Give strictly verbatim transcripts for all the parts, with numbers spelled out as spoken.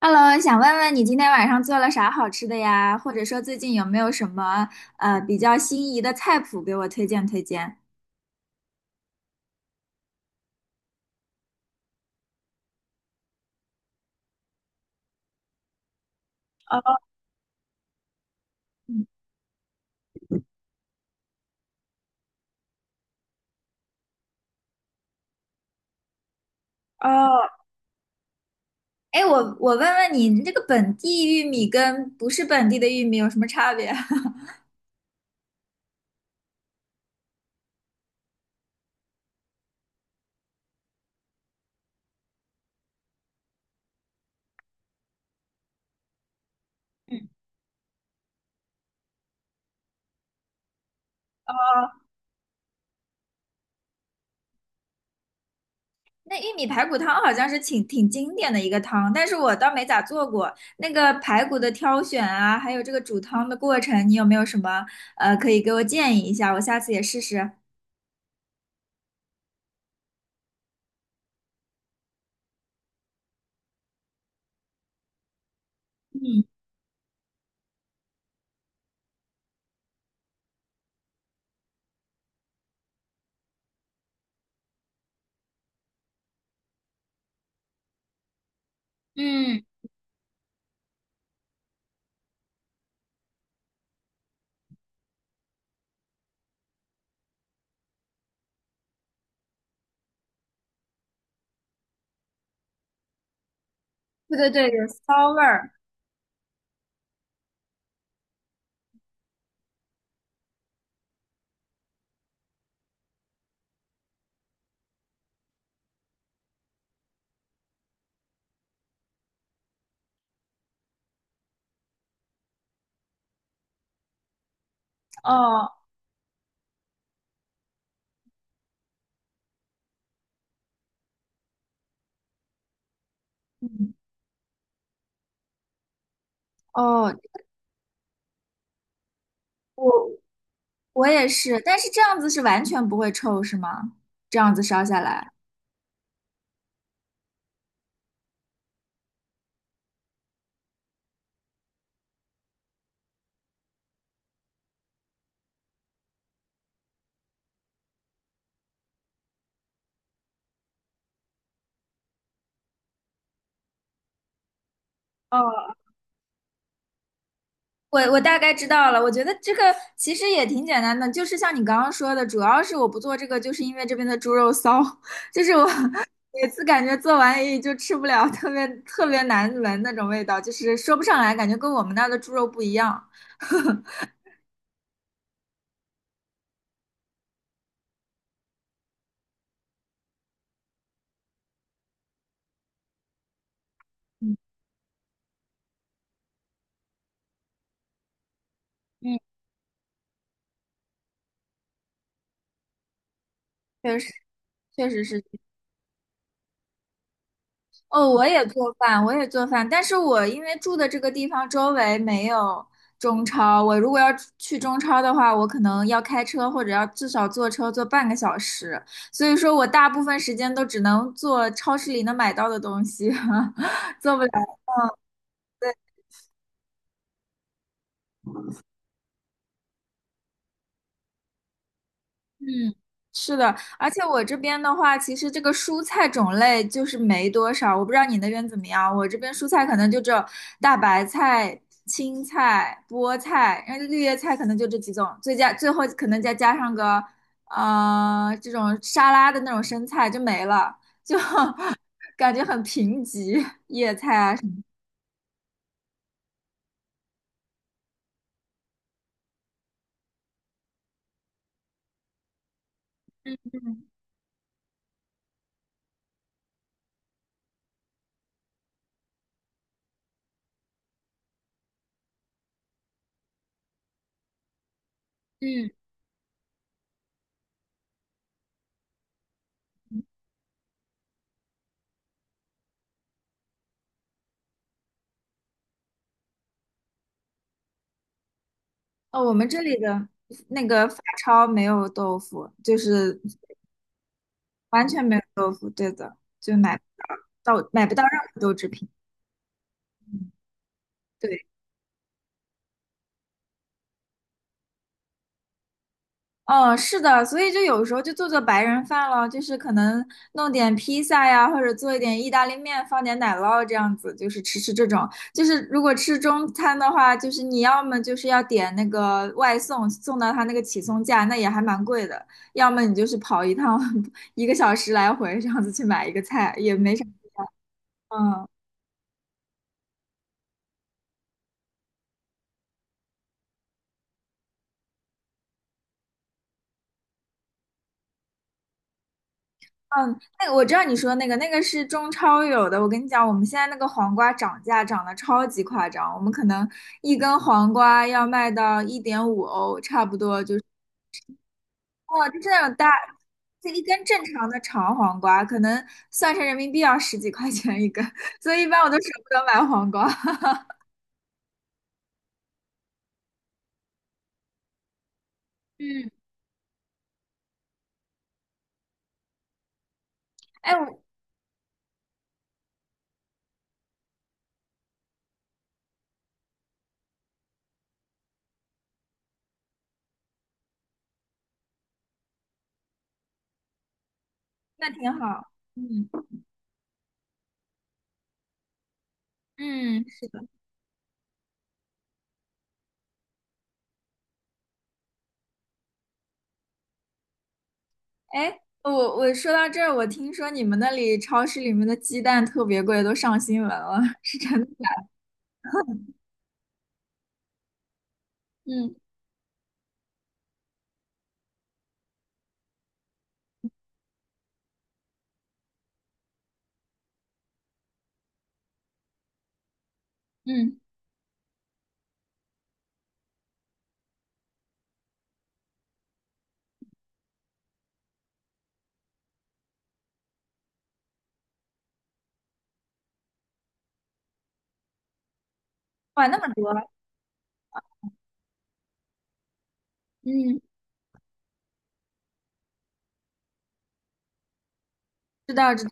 Hello，想问问你今天晚上做了啥好吃的呀？或者说最近有没有什么呃比较心仪的菜谱给我推荐推荐？哦哦，哎，我我问问你，你这个本地玉米跟不是本地的玉米有什么差别？哦，那玉米排骨汤好像是挺挺经典的一个汤，但是我倒没咋做过。那个排骨的挑选啊，还有这个煮汤的过程，你有没有什么呃可以给我建议一下？我下次也试试。嗯嗯，对对对，有骚味儿。哦嗯哦，我我也是，但是这样子是完全不会臭，是吗？这样子烧下来。哦，我我大概知道了。我觉得这个其实也挺简单的，就是像你刚刚说的，主要是我不做这个，就是因为这边的猪肉骚，就是我每次感觉做完也就吃不了，特别特别难闻那种味道，就是说不上来，感觉跟我们那儿的猪肉不一样。嗯嗯，确实确实是。哦，我也做饭，我也做饭，但是我因为住的这个地方周围没有中超，我如果要去中超的话，我可能要开车或者要至少坐车坐半个小时，所以说我大部分时间都只能做超市里能买到的东西，做不了。嗯，是的，而且我这边的话，其实这个蔬菜种类就是没多少，我不知道你那边怎么样。我这边蔬菜可能就只有大白菜、青菜、菠菜，然后绿叶菜可能就这几种，最加最后可能再加上个呃这种沙拉的那种生菜就没了，就 感觉很贫瘠，叶菜啊什么。嗯，哦，我们这里的那个法超没有豆腐，就是。完全没有豆腐，对的，就买不到到买不到任何豆制品。对，嗯，是的，所以就有时候就做做白人饭了，就是可能弄点披萨呀，或者做一点意大利面，放点奶酪这样子，就是吃吃这种。就是如果吃中餐的话，就是你要么就是要点那个外送，送到他那个起送价，那也还蛮贵的；要么你就是跑一趟 一个小时来回这样子去买一个菜，也没啥。嗯。嗯，那个我知道你说的那个，那个是中超有的。我跟你讲，我们现在那个黄瓜涨价涨得超级夸张，我们可能一根黄瓜要卖到一点五欧，差不多就是，哦，就是那种大，就一根正常的长黄瓜，可能算成人民币要十几块钱一根，所以一般我都舍不得买黄瓜。嗯，哎，我那挺好。嗯嗯，是的。哎，我我说到这儿，我听说你们那里超市里面的鸡蛋特别贵，都上新闻了，是真的。嗯，嗯，哇，那么多，嗯，知道知道，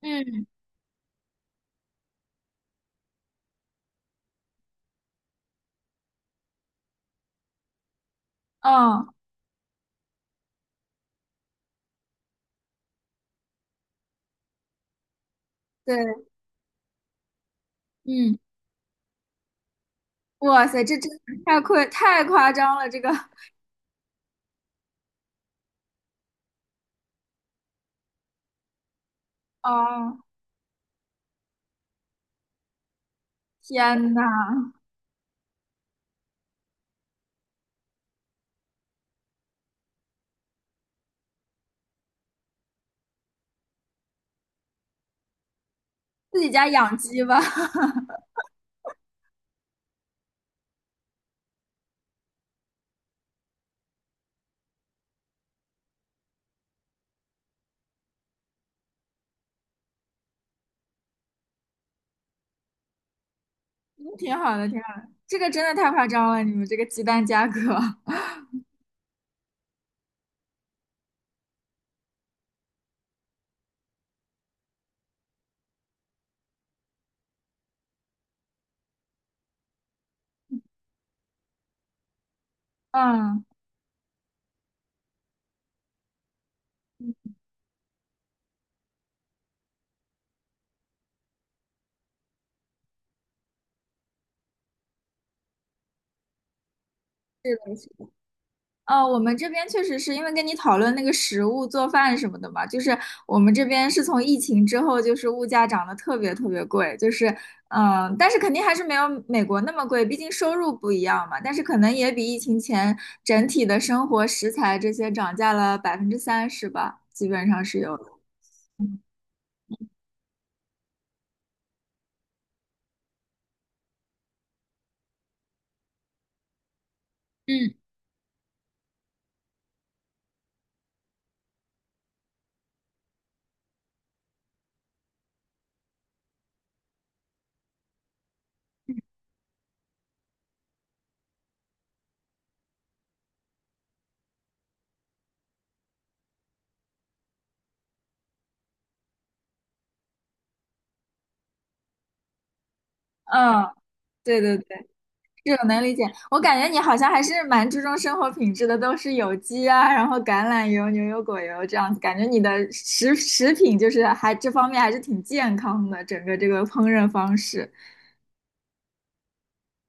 嗯，哦，对，嗯，哇塞，这真的太夸太夸张了，这个，哦，天呐，自己家养鸡吧，嗯挺好的，挺好的，这个真的太夸张了，你们这个鸡蛋价格，嗯，是的，呃，我们这边确实是因为跟你讨论那个食物做饭什么的嘛，就是我们这边是从疫情之后，就是物价涨得特别特别贵，就是嗯、呃但是肯定还是没有美国那么贵，毕竟收入不一样嘛，但是可能也比疫情前整体的生活食材这些涨价了百分之三十吧，基本上是有的。嗯嗯，对对对。这种能理解，我感觉你好像还是蛮注重生活品质的，都是有机啊，然后橄榄油、牛油果油这样子，感觉你的食食品就是还这方面还是挺健康的，整个这个烹饪方式。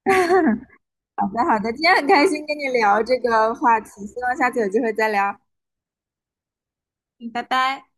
好的，好的，今天很开心跟你聊这个话题，希望下次有机会再聊。嗯，拜拜。